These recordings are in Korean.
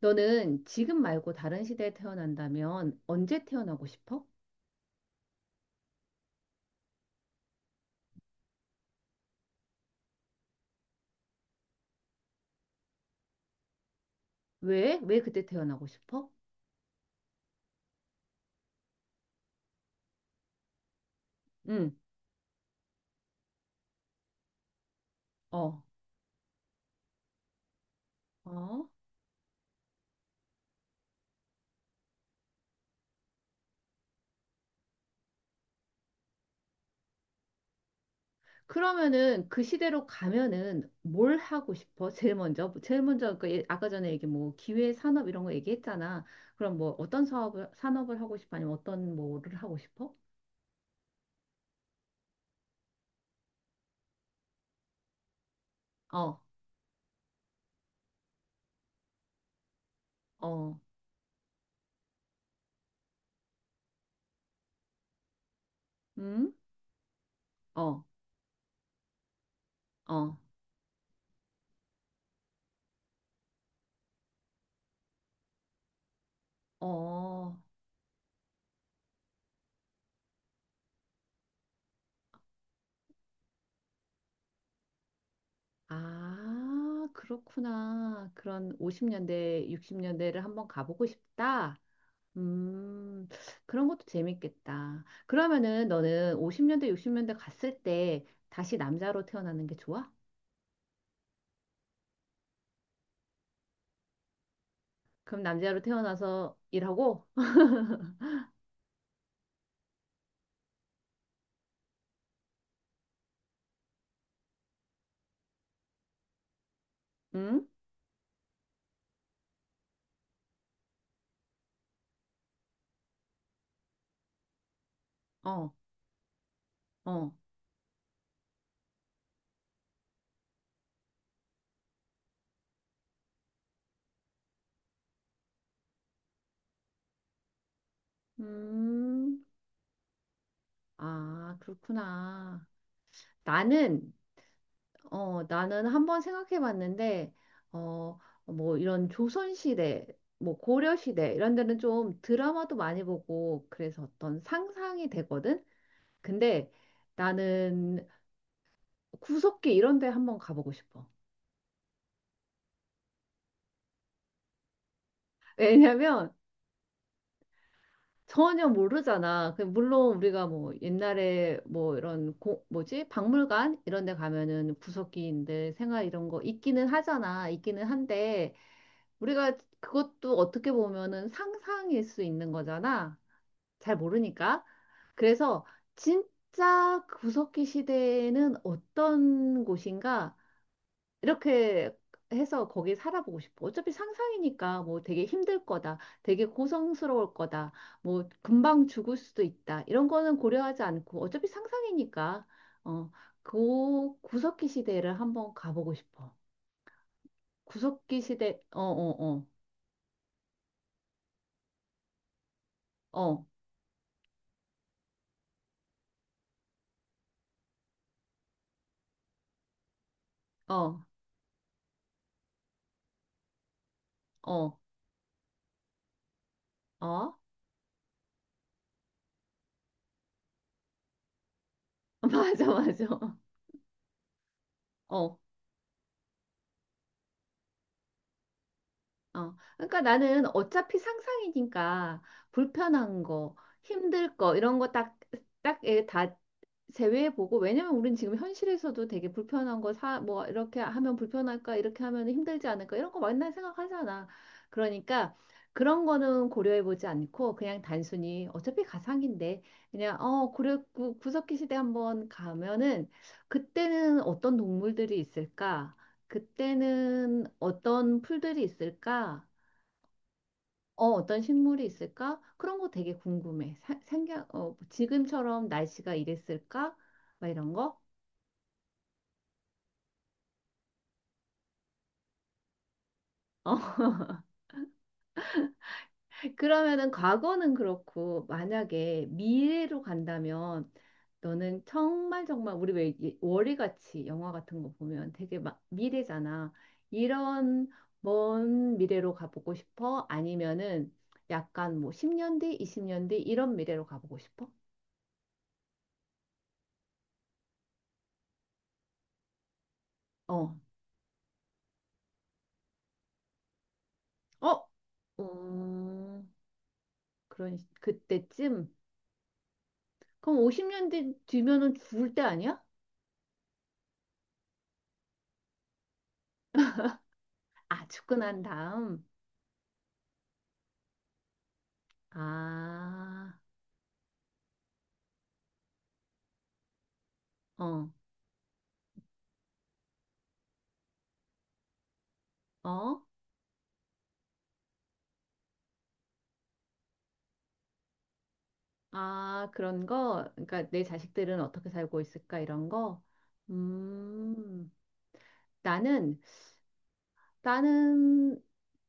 너는 지금 말고 다른 시대에 태어난다면 언제 태어나고 싶어? 왜? 왜 그때 태어나고 싶어? 응. 어, 어. 그러면은 그 시대로 가면은 뭘 하고 싶어? 제일 먼저, 제일 먼저 아까 전에 얘기 뭐 기회 산업 이런 거 얘기했잖아. 그럼 뭐 어떤 사업을 산업을 하고 싶어? 아니면 어떤 뭐를 하고 싶어? 어, 어, 응, 어, 어, 어. 아, 그렇구나. 그런 50년대, 60년대를 한번 가보고 싶다. 음, 그런 것도 재밌겠다. 그러면은 너는 50년대, 60년대 갔을 때 다시 남자로 태어나는 게 좋아? 그럼 남자로 태어나서 일하고? 응? 어, 어. 음. 아, 그렇구나. 나는, 어, 나는 한번 생각해 봤는데, 어, 뭐 이런 조선시대, 뭐 고려시대 이런 데는 좀 드라마도 많이 보고 그래서 어떤 상상이 되거든? 근데 나는 구석기 이런 데 한번 가보고 싶어. 왜냐면 전혀 모르잖아. 그 물론 우리가 뭐 옛날에 뭐 이런 고, 뭐지? 박물관 이런 데 가면은 구석기인들 생활 이런 거 있기는 하잖아. 있기는 한데 우리가 그것도 어떻게 보면은 상상일 수 있는 거잖아. 잘 모르니까. 그래서 진짜 그 구석기 시대에는 어떤 곳인가 이렇게 해서 거기 살아보고 싶어. 어차피 상상이니까 뭐 되게 힘들 거다. 되게 고성스러울 거다. 뭐 금방 죽을 수도 있다. 이런 거는 고려하지 않고 어차피 상상이니까, 어, 그 구석기 시대를 한번 가보고 싶어. 구석기 시대. 어, 어, 어, 어, 어. 어. 어? 맞아, 맞아. 어, 어. 그러니까 나는 어차피 상상이니까 불편한 거, 힘들 거, 이런 거 딱, 딱, 다 제외해보고. 왜냐면 우린 지금 현실에서도 되게 불편한 거 사 뭐 이렇게 하면 불편할까 이렇게 하면 힘들지 않을까 이런 거 맨날 생각하잖아. 그러니까 그런 거는 고려해보지 않고 그냥 단순히 어차피 가상인데 그냥 어 고려 구석기 시대 한번 가면은 그때는 어떤 동물들이 있을까? 그때는 어떤 풀들이 있을까? 어, 어떤 식물이 있을까? 그런 거 되게 궁금해. 생각, 어, 지금처럼 날씨가 이랬을까? 막 이런 거? 어. 그러면은 과거는 그렇고 만약에 미래로 간다면 너는 정말 정말 우리 왜 월요같이 영화 같은 거 보면 되게 막 미래잖아. 이런 먼 미래로 가보고 싶어? 아니면은 약간 뭐 10년 뒤, 20년 뒤 이런 미래로 가보고 싶어? 어. 어? 음... 그런 그때쯤. 그럼 50년 뒤 뒤면은 죽을 때 아니야? 아, 죽고 난 다음. 아. 어. 어? 아, 그런 거? 그러니까 내 자식들은 어떻게 살고 있을까? 이런 거? 음, 나는, 나는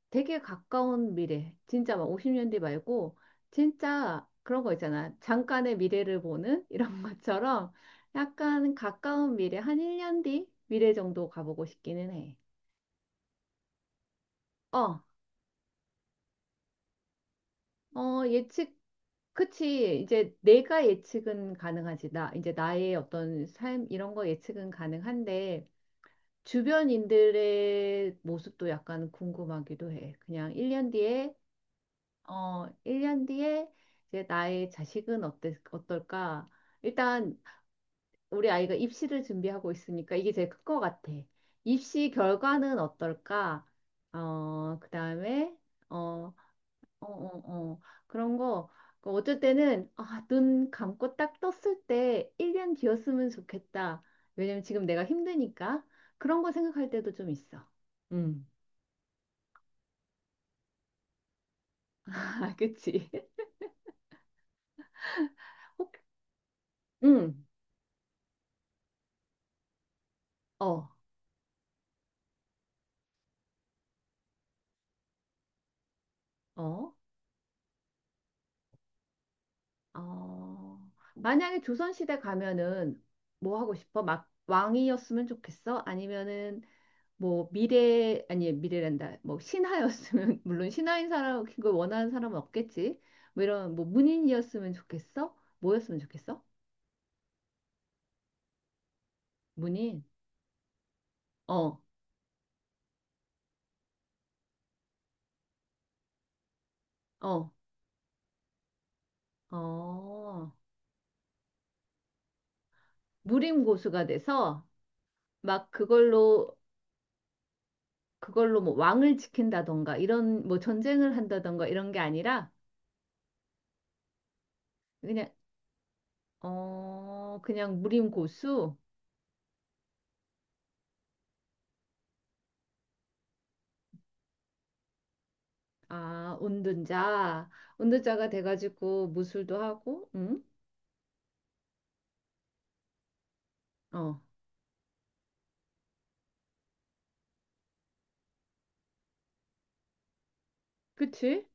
되게 가까운 미래. 진짜 막 50년 뒤 말고, 진짜 그런 거 있잖아. 잠깐의 미래를 보는 이런 것처럼 약간 가까운 미래, 한 1년 뒤 미래 정도 가보고 싶기는 해. 어, 어, 예측, 그치. 이제 내가 예측은 가능하지. 나, 이제 나의 어떤 삶, 이런 거 예측은 가능한데, 주변인들의 모습도 약간 궁금하기도 해. 그냥 1년 뒤에, 어, 1년 뒤에 이제 나의 자식은 어때, 어떨까? 일단 우리 아이가 입시를 준비하고 있으니까 이게 제일 큰 것 같아. 입시 결과는 어떨까? 어, 그다음에, 어, 어, 어, 어. 그런 거, 그 어쩔 때는, 아, 눈 감고 딱 떴을 때 1년 뒤였으면 좋겠다. 왜냐면 지금 내가 힘드니까. 그런 거 생각할 때도 좀 있어. 응. 아, 그치? 혹- 응. 어, 어, 어. 만약에 조선시대 가면은 뭐 하고 싶어? 막 왕이었으면 좋겠어? 아니면은 뭐 미래 아니 미래란다 뭐 신하였으면, 물론 신하인 사람 그걸 원하는 사람은 없겠지. 뭐 이런 뭐 문인이었으면 좋겠어? 뭐였으면 좋겠어? 문인. 어어어. 무림 고수가 돼서 막 그걸로, 그걸로 뭐 왕을 지킨다던가 이런 뭐 전쟁을 한다던가 이런 게 아니라 그냥. 어, 그냥 무림 고수. 아, 운둔자. 운둔자가 돼가지고 무술도 하고. 응어. 그치.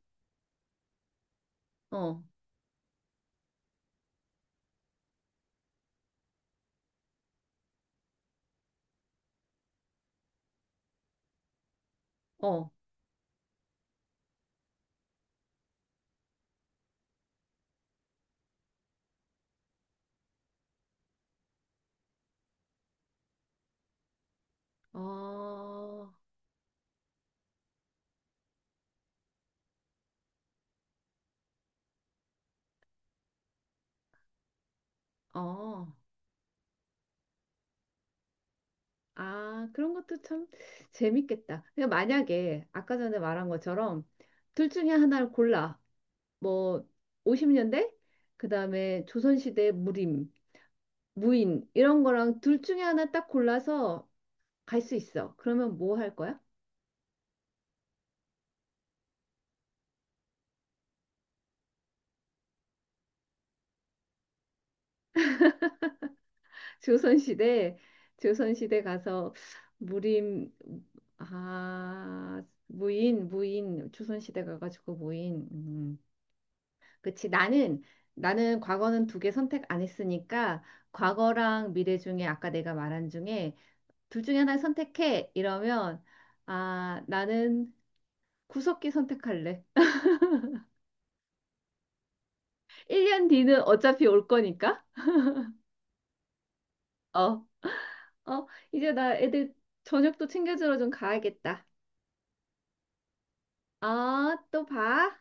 어. 어, 어, 어. 아, 그런 것도 참 재밌겠다. 그냥 만약에 아까 전에 말한 것처럼 둘 중에 하나를 골라. 뭐 50년대, 그다음에 조선시대 무림, 무인 이런 거랑 둘 중에 하나 딱 골라서 갈 수 있어. 그러면 뭐 할 거야? 조선시대, 조선시대 가서 무림, 아, 무인, 무인, 조선시대 가가지고 무인. 음. 그치. 나는, 나는 과거는 두 개 선택 안 했으니까 과거랑 미래 중에 아까 내가 말한 중에 둘 중에 하나 선택해. 이러면, 아, 나는 구석기 선택할래. 1년 뒤는 어차피 올 거니까. 어, 어, 이제 나 애들 저녁도 챙겨주러 좀 가야겠다. 아, 또 봐.